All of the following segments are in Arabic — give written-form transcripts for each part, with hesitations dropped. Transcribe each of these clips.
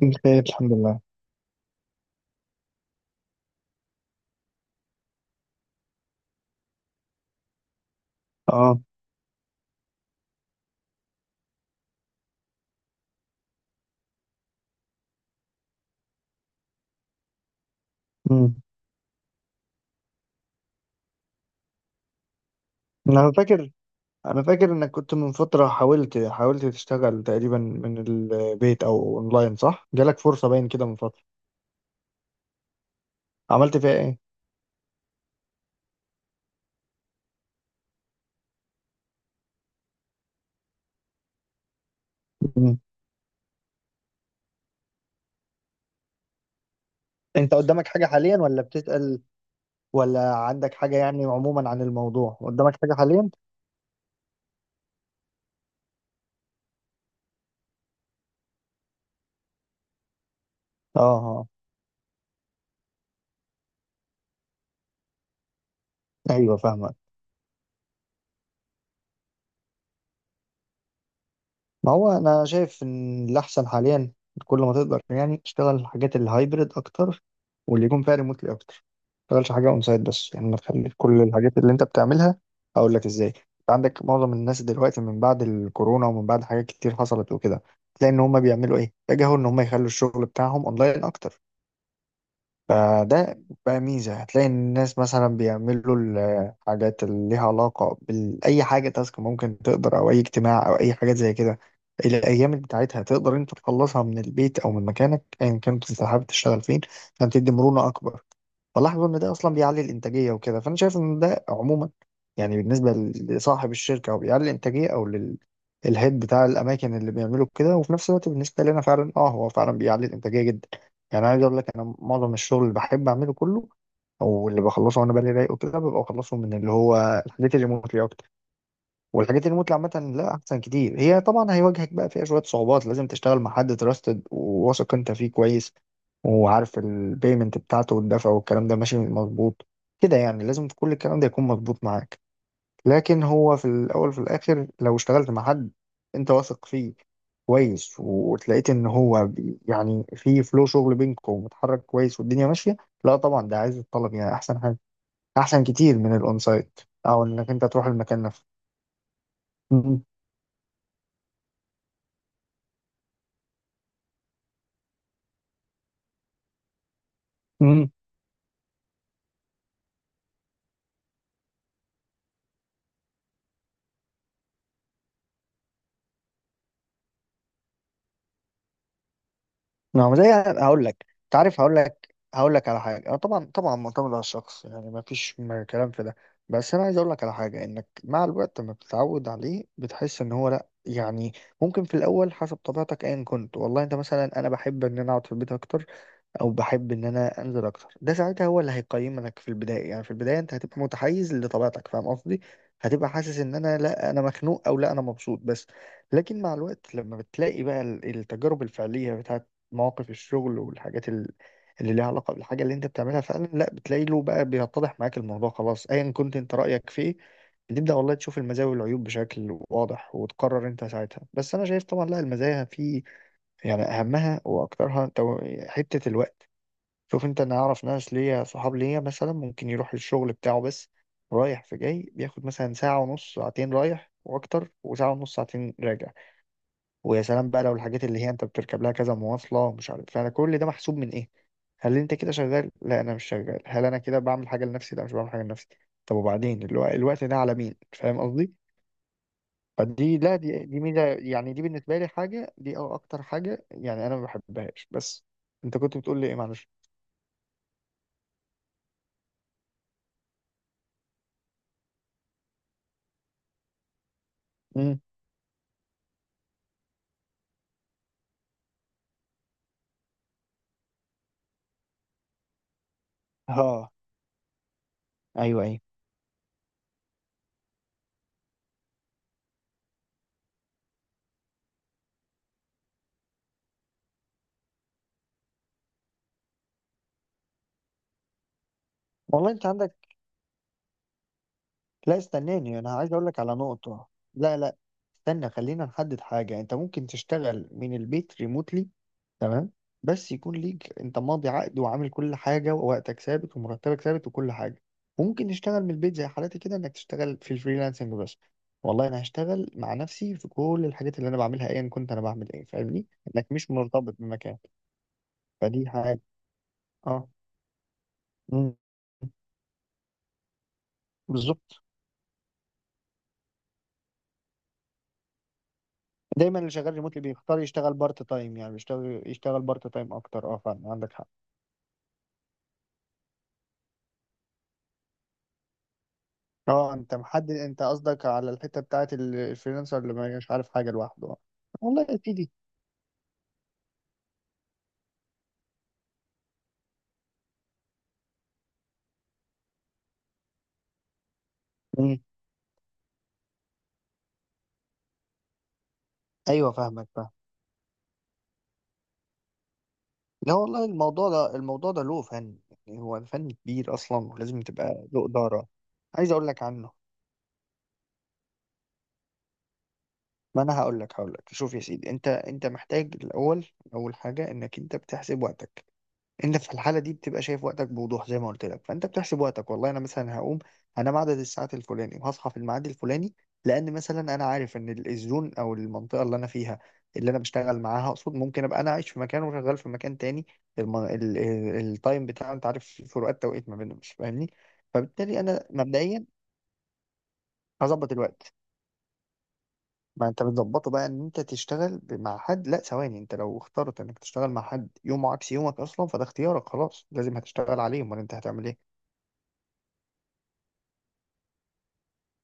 بخير الحمد لله. اه امم انا فاكر انا فاكر انك كنت من فترة حاولت تشتغل تقريبا من البيت او اونلاين، صح؟ جالك فرصة باين كده من فترة، عملت فيها ايه؟ امم انت قدامك حاجة حاليا ولا بتسأل؟ ولا عندك حاجة يعني عموما عن الموضوع؟ قدامك حاجة حاليا؟ اه، اه، ايوه فاهمك. ما هو انا شايف ان الاحسن حاليا كل ما تقدر يعني تشتغل الحاجات الهايبرد اكتر، واللي يكون فيها ريموتلي اكتر، ما تشتغلش حاجه اون سايت بس، يعني ما تخلي كل الحاجات اللي انت بتعملها. اقول لك ازاي؟ انت عندك معظم الناس دلوقتي من بعد الكورونا ومن بعد حاجات كتير حصلت وكده، تلاقي ان هم بيعملوا ايه، اتجهوا ان هم يخلوا الشغل بتاعهم اونلاين اكتر. فده بقى ميزة. هتلاقي إن الناس مثلا بيعملوا الحاجات اللي ليها علاقة بأي حاجة، تاسك ممكن تقدر أو أي اجتماع أو أي حاجات زي كده، الأيام بتاعتها تقدر أنت تخلصها من البيت أو من مكانك أيا كنت أنت حابب تشتغل فين، عشان تدي مرونة أكبر. فلاحظوا إن ده أصلا بيعلي الإنتاجية وكده، فأنا شايف إن ده عموما يعني بالنسبة لصاحب الشركة أو بيعلي الإنتاجية أو للهيد بتاع الأماكن اللي بيعملوا كده، وفي نفس الوقت بالنسبة لنا فعلا، أه هو فعلا بيعلي الإنتاجية جدا. يعني عايز اقول لك، انا معظم الشغل اللي بحب اعمله كله او اللي بخلصه وانا بالي رايق وكده ببقى بخلصه من اللي هو الحاجات الريموتلي اكتر. والحاجات الريموتلي عامه لا احسن كتير هي، طبعا هيواجهك بقى فيها شويه صعوبات، لازم تشتغل مع حد تراستد وواثق انت فيه كويس، وعارف البيمنت بتاعته والدفع والكلام ده ماشي مظبوط كده، يعني لازم كل الكلام ده يكون مظبوط معاك. لكن هو في الأول وفي الآخر لو اشتغلت مع حد أنت واثق فيه كويس، وتلاقيت إن هو يعني في فلو شغل بينكم ومتحرك كويس والدنيا ماشية، لا طبعا ده عايز الطلب، يعني أحسن حاجة، أحسن كتير من الأون سايت أو إنك أنت تروح المكان نفسه. ما هو زي، هقول لك، انت عارف، هقول لك على حاجه، اه طبعا طبعا معتمد على الشخص، يعني ما فيش كلام في ده. بس انا عايز اقول لك على حاجه، انك مع الوقت لما بتتعود عليه بتحس ان هو لا يعني ممكن في الاول حسب طبيعتك ايا كنت، والله انت مثلا انا بحب ان انا اقعد في البيت اكتر او بحب ان انا انزل اكتر، ده ساعتها هو اللي هيقيمك في البدايه، يعني في البدايه انت هتبقى متحيز لطبيعتك، فاهم قصدي؟ هتبقى حاسس ان انا لا انا مخنوق او لا انا مبسوط بس. لكن مع الوقت لما بتلاقي بقى التجارب الفعليه بتاعت مواقف الشغل والحاجات اللي ليها علاقه بالحاجه اللي انت بتعملها فعلا، لا بتلاقي له بقى بيتضح معاك الموضوع خلاص ايا كنت انت رايك فيه، بتبدا والله تشوف المزايا والعيوب بشكل واضح وتقرر انت ساعتها. بس انا شايف طبعا لا المزايا في، يعني اهمها واكترها حته الوقت. شوف انت، انا اعرف ناس ليا صحاب ليا مثلا ممكن يروح الشغل بتاعه بس رايح في جاي بياخد مثلا ساعة ونص ساعتين رايح واكتر، وساعة ونص ساعتين راجع. ويا سلام بقى لو الحاجات اللي هي انت بتركب لها كذا مواصلة ومش عارف، فانا كل ده محسوب من ايه؟ هل انت كده شغال؟ لا انا مش شغال. هل انا كده بعمل حاجة لنفسي؟ لا مش بعمل حاجة لنفسي. طب وبعدين الوقت ده على مين؟ فاهم قصدي؟ فدي لا دي دي ميزة، يعني دي بالنسبة لي حاجة دي أو اكتر حاجة يعني انا ما بحبهاش. بس انت كنت بتقول لي ايه؟ معلش. امم اه، ايوه ايوه. والله انت عندك، لا استناني، انا عايز اقول لك على نقطة. لا استنى خلينا نحدد حاجة. انت ممكن تشتغل من البيت ريموتلي، تمام، بس يكون ليك انت ماضي عقد وعامل كل حاجة ووقتك ثابت ومرتبك ثابت وكل حاجة. وممكن تشتغل من البيت زي حالاتي كده انك تشتغل في الفريلانسنج بس، والله انا هشتغل مع نفسي في كل الحاجات اللي انا بعملها ايا كنت انا بعمل ايه، فاهمني؟ انك مش مرتبط بمكان، فدي حاجة. اه، مم، بالظبط. دايما اللي شغال ريموتلي بيختار يشتغل بارت تايم، يعني يشتغل بارت تايم اكتر، اه فعلا عندك حق. اه انت محدد، انت قصدك على الحته بتاعت الفريلانسر اللي ما مش عارف حاجه لوحده، آه. والله يا سيدي. مم. ايوه فاهمك، فاهم. لا والله الموضوع ده، الموضوع ده له فن، يعني هو فن كبير اصلا ولازم تبقى له اداره. عايز اقول لك عنه، ما انا هقول لك شوف يا سيدي، انت انت محتاج الاول، اول حاجه انك انت بتحسب وقتك، انت في الحاله دي بتبقى شايف وقتك بوضوح زي ما قلت لك. فانت بتحسب وقتك، والله انا مثلا هقوم هنام عدد الساعات الفلاني وهصحى في الميعاد الفلاني، لان مثلا انا عارف ان الزون او المنطقه اللي انا فيها، اللي انا بشتغل معاها اقصد، ممكن ابقى انا عايش في مكان وشغال في مكان تاني. التايم بتاع، انت عارف في فروقات توقيت ما بينهم، مش فاهمني؟ فبالتالي انا مبدئيا هظبط الوقت. ما انت بتظبطه بقى ان انت تشتغل مع حد. لا ثواني، انت لو اخترت انك تشتغل مع حد يومه عكس يومك اصلا فده اختيارك خلاص، لازم هتشتغل عليه، امال انت هتعمل ايه؟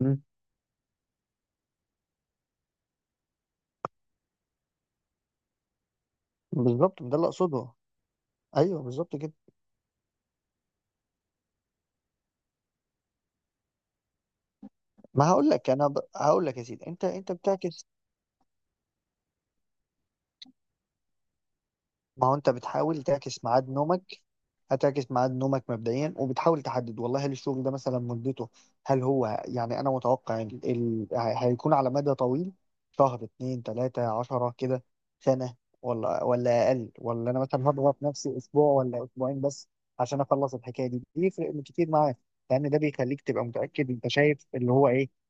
مم، بالظبط ده اللي اقصده. ايوه بالظبط كده. ما هقول لك يا سيدي، انت انت بتعكس. ما هو انت بتحاول تعكس ميعاد نومك، هتعكس ميعاد نومك مبدئيا، وبتحاول تحدد والله هل الشغل ده مثلا مدته، هل هو يعني انا متوقع هيكون على مدى طويل؟ شهر اتنين تلاتة عشرة كده، سنة، ولا اقل، ولا انا مثلا هضغط نفسي اسبوع ولا اسبوعين بس عشان اخلص الحكاية دي؟ بيفرق كتير معاك، لان ده بيخليك تبقى متأكد انت شايف اللي هو ايه.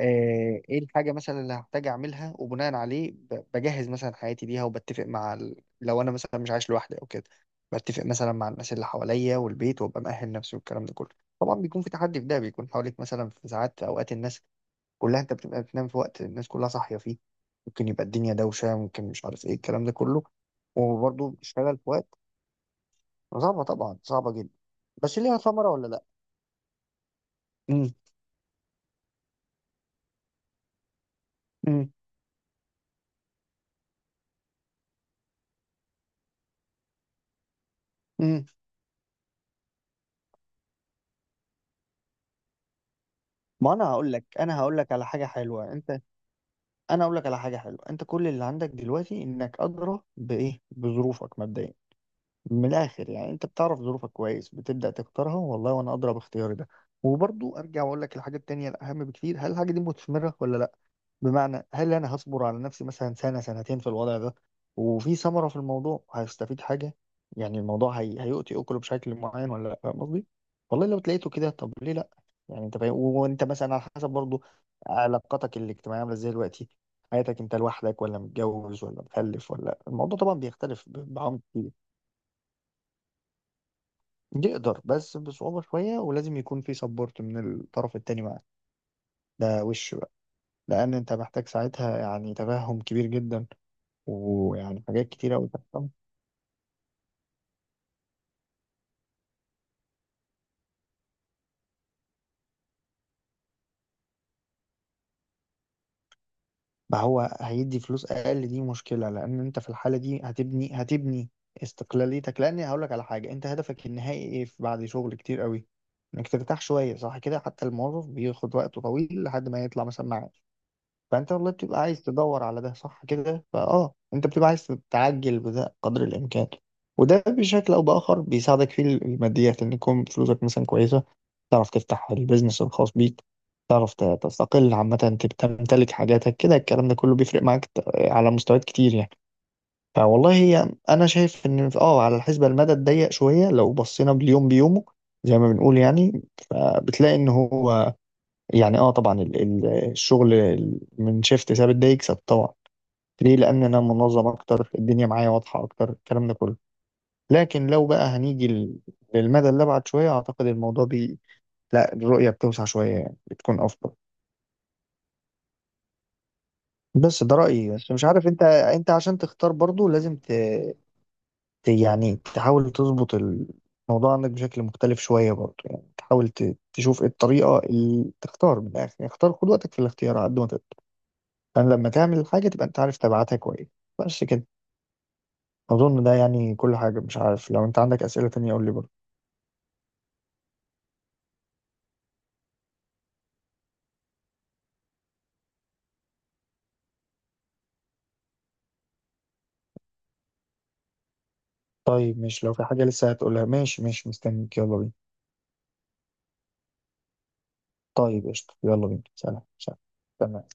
آه، ايه الحاجة مثلا اللي هحتاج اعملها، وبناء عليه بجهز مثلا حياتي ليها، وبتفق مع لو انا مثلا مش عايش لوحدي او كده بتفق مثلا مع الناس اللي حواليا والبيت وابقى مأهل نفسي والكلام ده كله. طبعا بيكون في تحدي في ده، بيكون حواليك مثلا في ساعات، في اوقات الناس كلها، انت بتبقى بتنام في وقت الناس كلها صاحية فيه، ممكن يبقى الدنيا دوشة ممكن مش عارف ايه الكلام ده كله، وبرضه بتشتغل في وقت صعبة، طبعا صعبة جدا، بس ليها ثمرة ولا لا؟ امم امم امم ما انا هقول لك على حاجة حلوة انت. انا اقول لك على حاجه حلوه، انت كل اللي عندك دلوقتي انك ادرى بايه، بظروفك مبدئيا. من الاخر يعني، انت بتعرف ظروفك كويس، بتبدا تختارها، والله وانا ادرى باختياري ده. وبرضو ارجع واقول لك الحاجه التانيه الاهم بكتير، هل الحاجه دي مثمره ولا لا؟ بمعنى هل انا هصبر على نفسي مثلا سنة سنتين في الوضع ده، وفي ثمرة في الموضوع هيستفيد حاجة؟ يعني الموضوع هيؤتي اكله بشكل معين ولا لا، فاهم قصدي؟ والله لو تلاقيته كده طب ليه لا. يعني انت فاهم. وانت مثلا على حسب برضو علاقتك الاجتماعية عاملة ازاي دلوقتي، حياتك انت لوحدك ولا متجوز ولا مخلف، ولا الموضوع طبعا بيختلف بعمق كتير. يقدر بس بصعوبة شوية، ولازم يكون في سبورت من الطرف التاني معاك، ده وش بقى. لأن أنت محتاج ساعتها يعني تفهم كبير جدا، ويعني حاجات كتيرة أوي تحصل. ما هو هيدي فلوس أقل دي مشكلة، لأن أنت في الحالة دي هتبني استقلاليتك، لأن هقولك على حاجة، أنت هدفك النهائي إيه بعد شغل كتير أوي إنك ترتاح شوية، صح كده؟ حتى الموظف بياخد وقته طويل لحد ما يطلع مثلا معاش. فانت والله بتبقى عايز تدور على ده، صح كده؟ فاه انت بتبقى عايز تعجل بده قدر الامكان. وده بشكل او باخر بيساعدك في الماديات، ان يكون فلوسك مثلا كويسه، تعرف تفتح البيزنس الخاص بيك، تعرف تستقل عامه، تبقى تمتلك حاجاتك كده. الكلام ده كله بيفرق معاك على مستويات كتير يعني. فوالله هي انا شايف ان على الحسبه المدى الضيق شويه لو بصينا باليوم بيومه زي ما بنقول يعني، فبتلاقي ان هو يعني اه طبعا الشغل من شيفت ثابت ده يكسب طبعا، ليه؟ لان انا منظم اكتر، الدنيا معايا واضحه اكتر، الكلام ده كله. لكن لو بقى هنيجي للمدى اللي ابعد شويه، اعتقد الموضوع لا الرؤيه بتوسع شويه يعني، بتكون افضل. بس ده رايي، بس مش عارف انت، انت عشان تختار برضو لازم يعني تحاول تظبط الموضوع عندك بشكل مختلف شويه برضو، يعني تحاول تشوف ايه الطريقه اللي تختار، من الاخر يعني، اختار خد وقتك في الاختيار على قد ما تقدر. فأنا لما تعمل الحاجة تبقى أنت عارف تبعاتها كويس. بس كده، أظن ده يعني كل حاجة، مش عارف لو أنت عندك أسئلة تانية قول لي برضه. طيب مش لو في حاجة لسه هتقولها؟ ماشي ماشي مستنيك، يلا بينا. طيب قشطة، يلا بينا، سلام سلام. تمام.